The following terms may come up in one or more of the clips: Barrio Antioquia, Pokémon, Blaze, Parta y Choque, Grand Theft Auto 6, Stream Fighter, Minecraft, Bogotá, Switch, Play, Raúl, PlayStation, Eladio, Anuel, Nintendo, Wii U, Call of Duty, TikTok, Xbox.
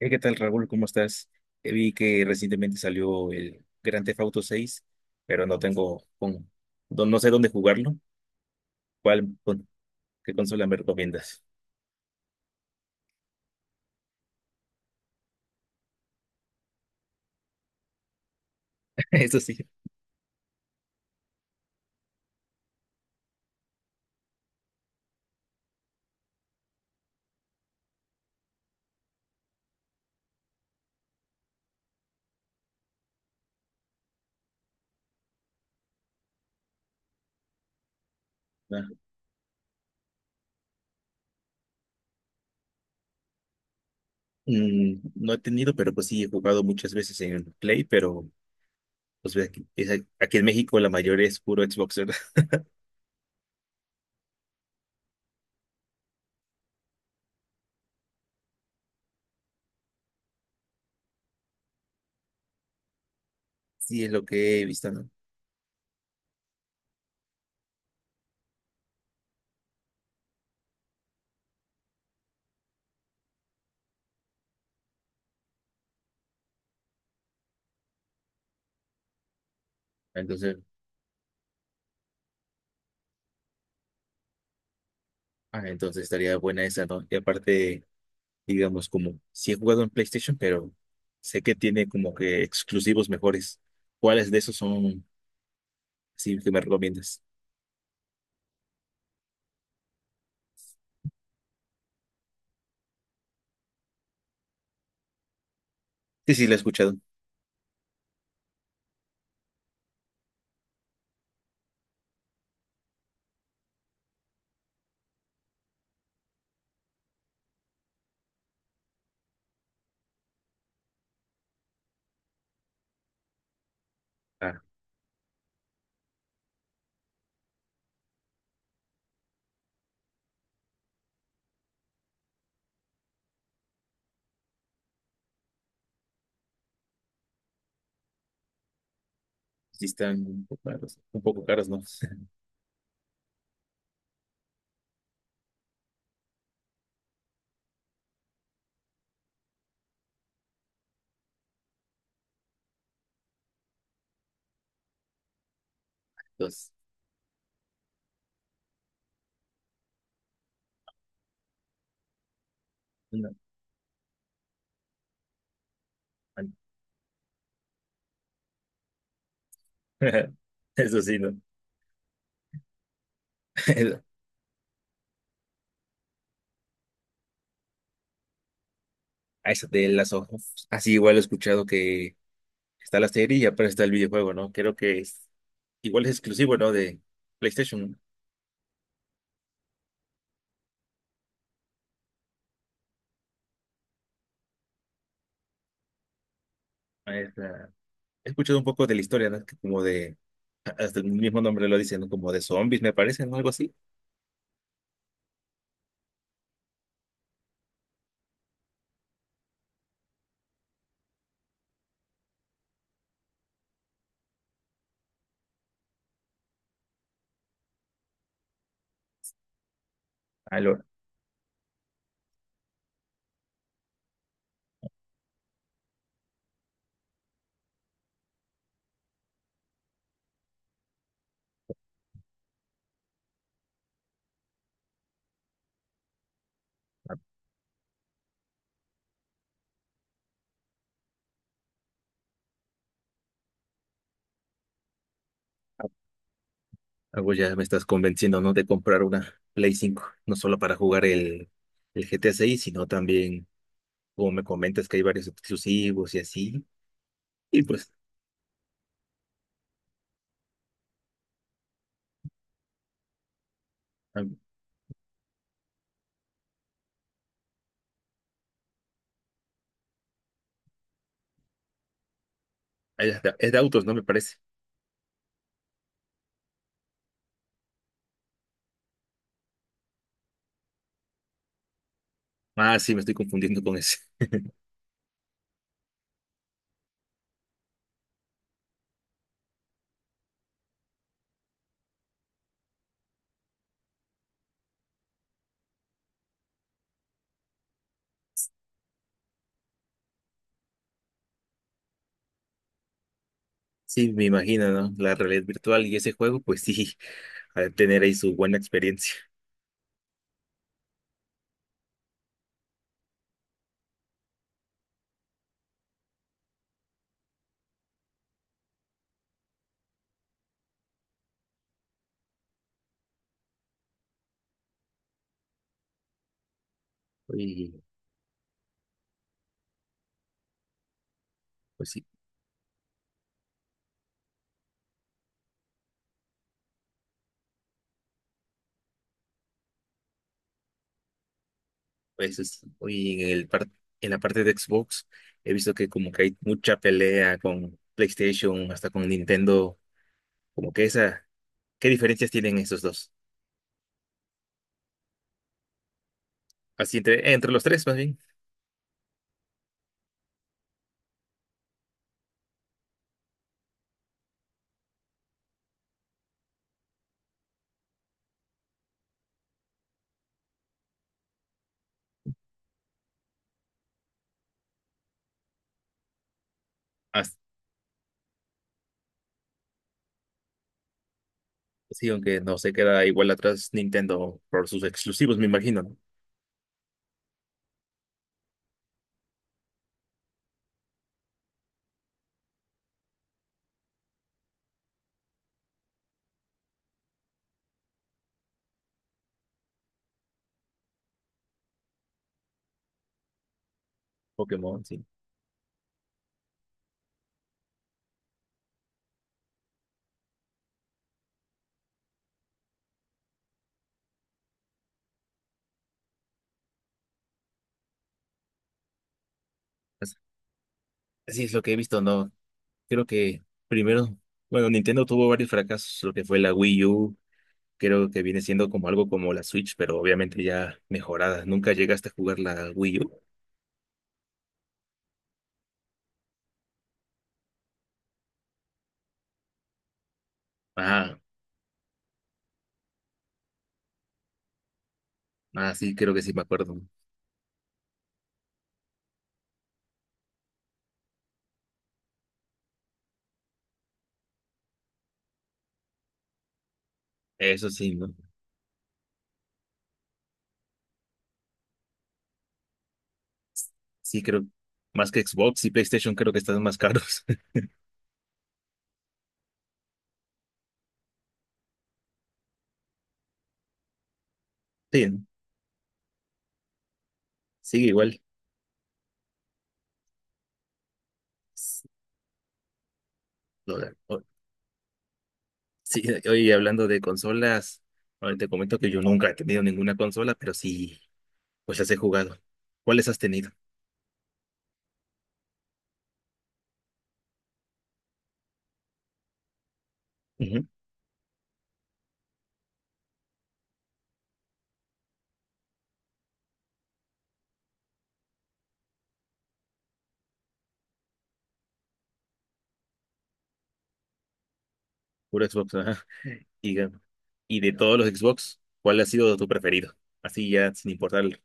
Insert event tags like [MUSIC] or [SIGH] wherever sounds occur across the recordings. Hey, ¿qué tal, Raúl? ¿Cómo estás? Vi que recientemente salió el Grand Theft Auto 6, pero no tengo, no, no sé dónde jugarlo. ¿Cuál, con- ¿Qué consola me recomiendas? [LAUGHS] Eso sí. Ah, no he tenido, pero pues sí, he jugado muchas veces en el Play, pero pues ve aquí, aquí en México la mayor es puro Xbox, ¿verdad? [LAUGHS] Sí, es lo que he visto, ¿no? Entonces, entonces estaría buena esa, ¿no? Y aparte, digamos, como si he jugado en PlayStation, pero sé que tiene como que exclusivos mejores. ¿Cuáles de esos son sí que me recomiendas? Sí, sí, la he escuchado. Ah, sí están un poco caros, ¿no? [LAUGHS] Dos, no. [LAUGHS] Eso sí, ¿no? [LAUGHS] A esa de las hojas. Así igual he escuchado que está la serie y aparte está el videojuego, ¿no? Creo que es, igual es exclusivo, ¿no? De PlayStation. ¿No? He escuchado un poco de la historia, ¿no? Que como de, hasta el mismo nombre lo dicen, ¿no? Como de zombies, me parece, ¿no? Algo así. Algo, algo ya me estás convenciendo, ¿no? De comprar una Play 5, no solo para jugar el GTA 6, sino también, como me comentas, que hay varios exclusivos y así. Y pues, am- es de autos, ¿no? Me parece. Ah, sí, me estoy confundiendo con ese. [LAUGHS] Sí, me imagino, ¿no? La realidad virtual y ese juego, pues sí, al tener ahí su buena experiencia. Y pues sí, Pues es- y en la parte de Xbox he visto que como que hay mucha pelea con PlayStation, hasta con Nintendo, como que esa, ¿qué diferencias tienen esos dos? Así entre los tres más bien. As- sí, aunque no se queda igual atrás Nintendo por sus exclusivos, me imagino, ¿no? Pokémon, sí. As- Así es lo que he visto, ¿no? Creo que primero, bueno, Nintendo tuvo varios fracasos, lo que fue la Wii U, creo que viene siendo como algo como la Switch, pero obviamente ya mejorada. ¿Nunca llegaste a jugar la Wii U? Ah, ah, sí, creo que sí me acuerdo. Eso sí, ¿no? Sí, creo. Más que Xbox y PlayStation creo que están más caros. [LAUGHS] Sí, ¿no? Sigue igual. S- lo o- Sí, hoy hablando de consolas, ahora te comento que yo nunca he tenido ninguna consola, pero sí, pues las he jugado. ¿Cuáles has tenido? Ujú. Puro Xbox, ajá. Y, ga- y de todos los Xbox, ¿cuál ha sido tu preferido? Así ya, sin importar.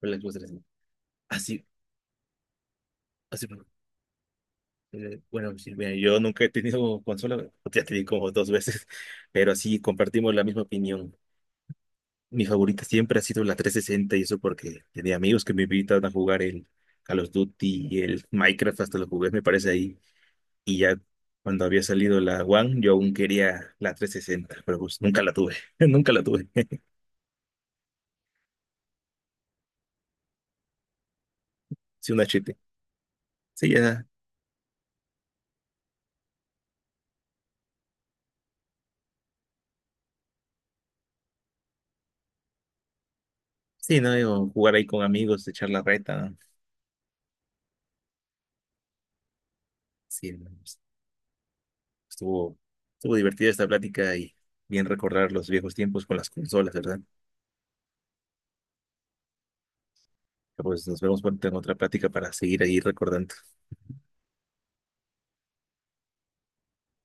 ¿Cuál Xbox eres? Así, así. Bueno, sí, mira, yo nunca he tenido consola, [LAUGHS] ya te di como dos veces, pero sí compartimos la misma opinión. Mi favorita siempre ha sido la 360, y eso porque tenía amigos que me invitaban a jugar el Call of Duty y el Minecraft, hasta los jugué, me parece ahí. Y ya cuando había salido la One, yo aún quería la 360, pero pues nunca la tuve, [LAUGHS] nunca la tuve. [LAUGHS] Sí, una chiste. Sí, ya, sí, no, digo, jugar ahí con amigos, echar la reta, sí, no, pues, Estuvo, estuvo divertida esta plática y bien recordar los viejos tiempos con las consolas, ¿verdad? Pues nos vemos pronto en otra plática para seguir ahí recordando.